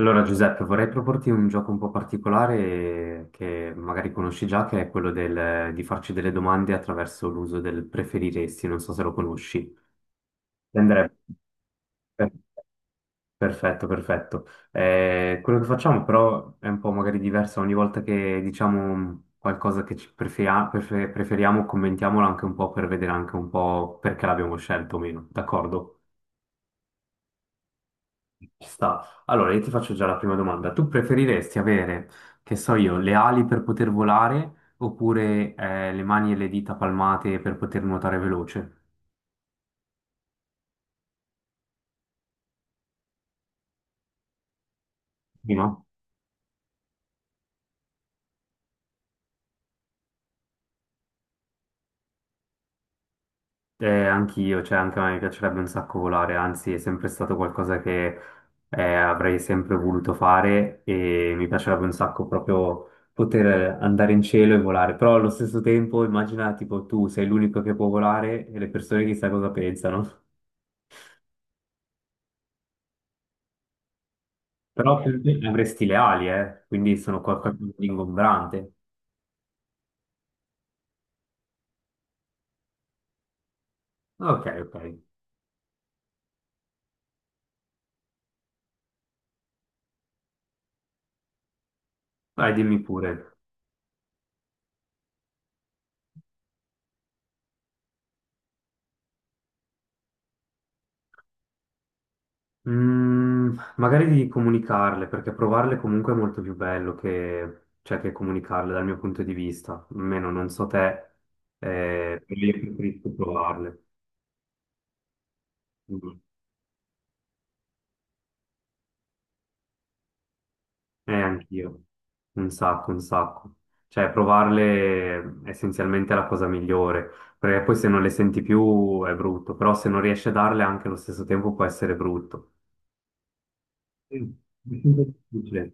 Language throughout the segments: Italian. Allora Giuseppe, vorrei proporti un gioco un po' particolare, che magari conosci già, che è quello di farci delle domande attraverso l'uso del preferiresti, non so se lo conosci. Andrebbe. Per- Perfetto, perfetto. Quello che facciamo però è un po' magari diverso: ogni volta che diciamo qualcosa che preferiamo, commentiamolo anche un po' per vedere anche un po' perché l'abbiamo scelto o meno, d'accordo? Ci sta. Allora, io ti faccio già la prima domanda. Tu preferiresti avere, che so io, le ali per poter volare oppure le mani e le dita palmate per poter nuotare veloce? Prima? Anch'io, cioè anche a me piacerebbe un sacco volare, anzi è sempre stato qualcosa che avrei sempre voluto fare, e mi piacerebbe un sacco proprio poter andare in cielo e volare, però allo stesso tempo immagina tipo tu sei l'unico che può volare e le persone chissà cosa pensano. Però tu avresti le ali, eh? Quindi sono qualcosa di ingombrante. Ok, ok. Vai, dimmi pure. Mm, magari di comunicarle, perché provarle comunque è molto più bello che, cioè, che comunicarle dal mio punto di vista. Almeno non so te, però io preferisco provarle. Mm. Anch'io, un sacco, un sacco. Cioè, provarle è essenzialmente la cosa migliore, perché poi se non le senti più è brutto, però se non riesci a darle anche allo stesso tempo può essere brutto. Mm. Difficile.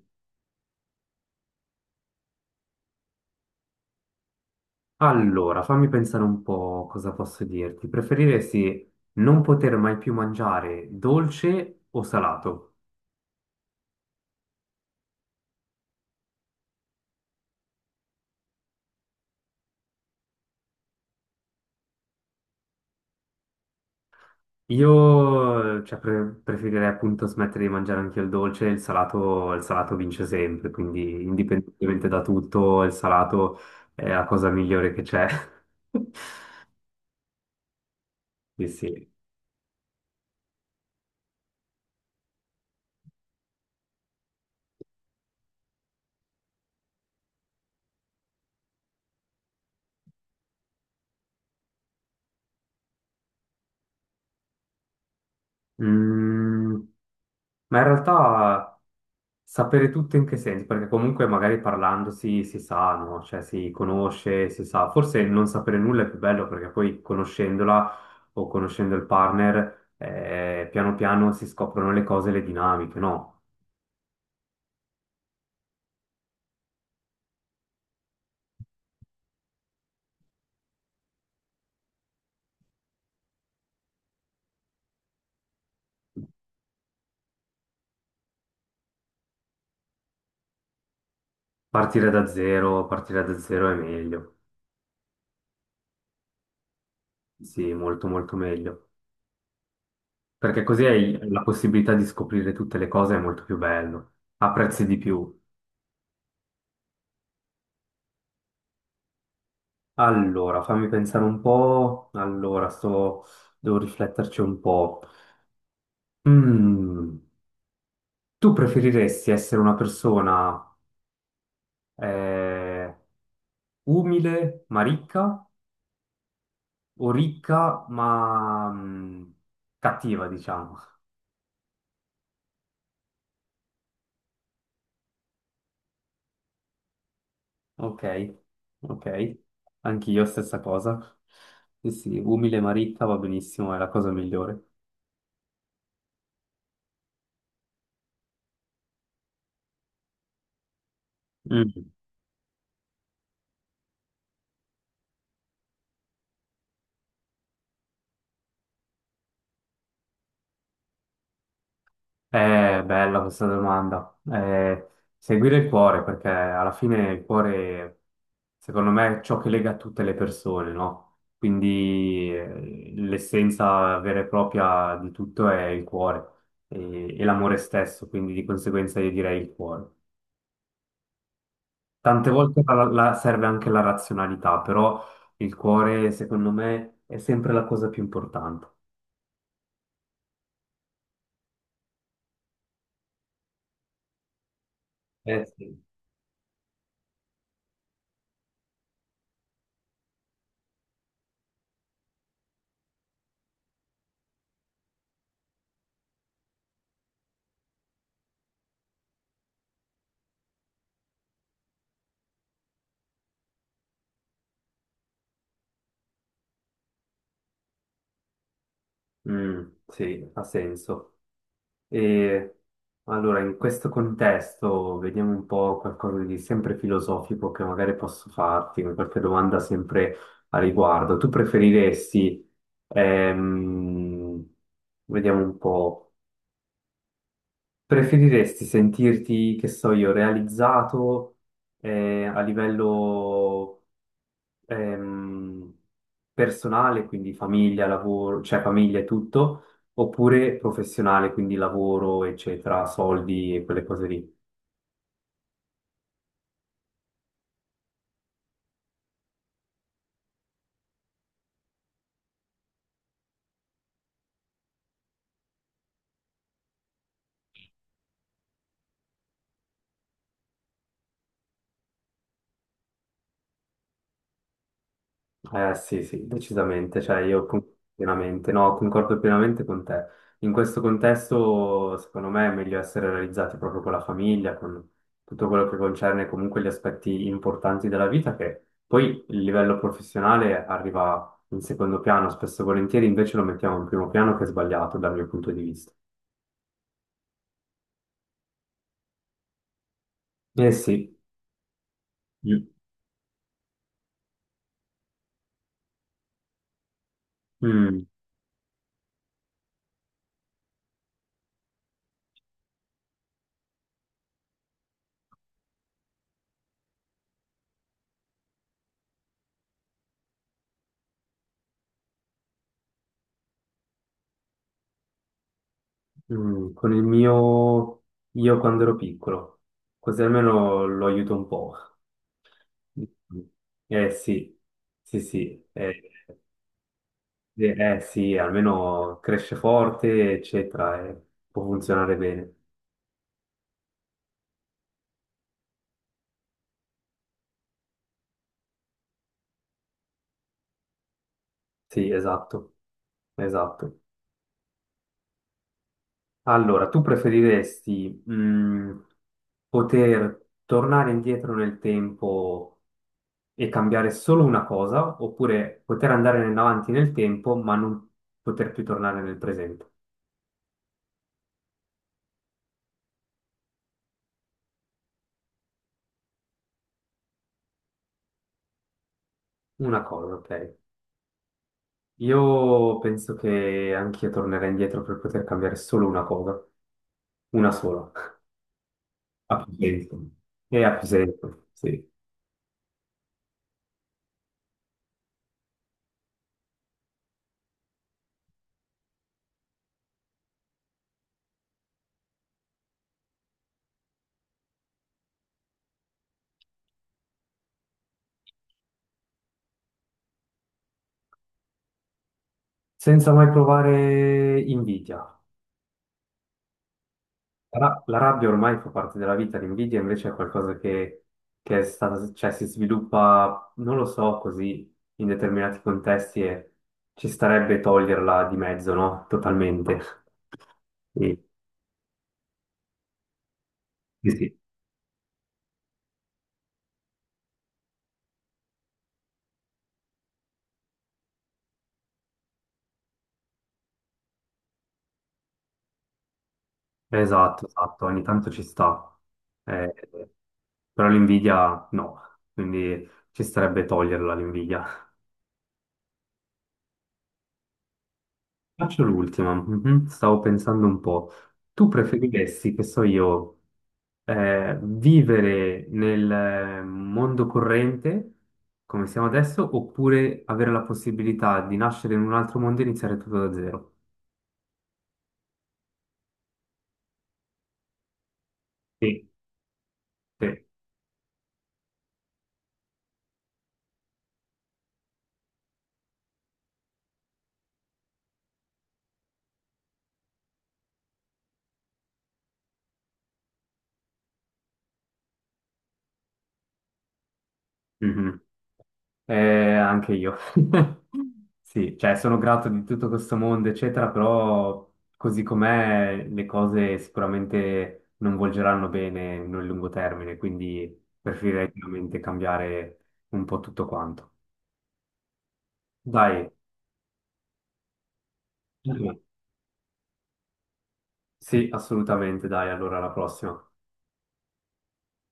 Allora, fammi pensare un po' cosa posso dirti. Preferiresti non poter mai più mangiare dolce o salato? Io, cioè, preferirei appunto smettere di mangiare anche il dolce, il salato vince sempre, quindi indipendentemente da tutto, il salato è la cosa migliore che c'è. Sì, sì. Mm, ma in realtà sapere tutto in che senso? Perché comunque magari parlando si, si sa, no? Cioè si conosce, si sa. Forse non sapere nulla è più bello perché poi conoscendola o conoscendo il partner, piano piano si scoprono le cose, le dinamiche, no? Partire da zero è meglio, sì, molto molto meglio, perché così hai la possibilità di scoprire tutte le cose, è molto più bello, apprezzi di più. Allora, fammi pensare un po', allora, sto... devo rifletterci un po'. Mm, tu preferiresti essere una persona eh, umile ma ricca o ricca ma cattiva, diciamo? Ok, ok, anch'io stessa cosa. Sì, sì, umile Maritta va benissimo, è la cosa migliore. Mm. È bella questa domanda. Seguire il cuore, perché alla fine il cuore, secondo me, è ciò che lega tutte le persone, no? Quindi l'essenza vera e propria di tutto è il cuore e l'amore stesso, quindi di conseguenza io direi il cuore. Tante volte serve anche la razionalità, però il cuore, secondo me, è sempre la cosa più importante. Eh sì. Mm, sì, ha senso. E allora, in questo contesto, vediamo un po' qualcosa di sempre filosofico che magari posso farti, qualche domanda sempre a riguardo. Tu preferiresti, ehm, vediamo un po'. Preferiresti sentirti, che so io, realizzato a livello ehm, personale, quindi famiglia, lavoro, cioè famiglia e tutto, oppure professionale, quindi lavoro, eccetera, soldi e quelle cose lì? Eh sì, sì, decisamente, cioè pienamente, no, concordo pienamente con te. In questo contesto, secondo me, è meglio essere realizzati proprio con la famiglia, con tutto quello che concerne comunque gli aspetti importanti della vita, che poi il livello professionale arriva in secondo piano, spesso e volentieri invece lo mettiamo in primo piano, che è sbagliato dal mio punto di vista. Eh sì. Mm, mm, mm, con il mio, io quando ero piccolo, così almeno lo aiuto un po'. Eh sì, sì, sì, eh, sì, almeno cresce forte, eccetera, e può funzionare bene. Sì, esatto, esatto. Allora, tu preferiresti poter tornare indietro nel tempo e cambiare solo una cosa, oppure poter andare in avanti nel tempo ma non poter più tornare nel presente? Una cosa, ok. Io penso che anch'io tornerei indietro per poter cambiare solo una cosa, una sola, a più senso. E a più senso, sì. Senza mai provare invidia. La rabbia ormai fa parte della vita, l'invidia invece è qualcosa che è stata, cioè, si sviluppa, non lo so, così in determinati contesti e ci starebbe toglierla di mezzo, no? Totalmente. Sì, sì, sì. Esatto, esatto, ogni tanto ci sta. Eh, però l'invidia no, quindi ci starebbe toglierla l'invidia. Faccio l'ultima, mhm, stavo pensando un po'. Tu preferiresti, che so io, vivere nel mondo corrente, come siamo adesso, oppure avere la possibilità di nascere in un altro mondo e iniziare tutto da zero? Sì, sì. Mhm. Eh, anche io. Sì, cioè sono grato di tutto questo mondo, eccetera, però così com'è le cose sicuramente non volgeranno bene nel lungo termine, quindi preferirei veramente cambiare un po' tutto quanto. Dai, sì, assolutamente, dai, allora alla prossima.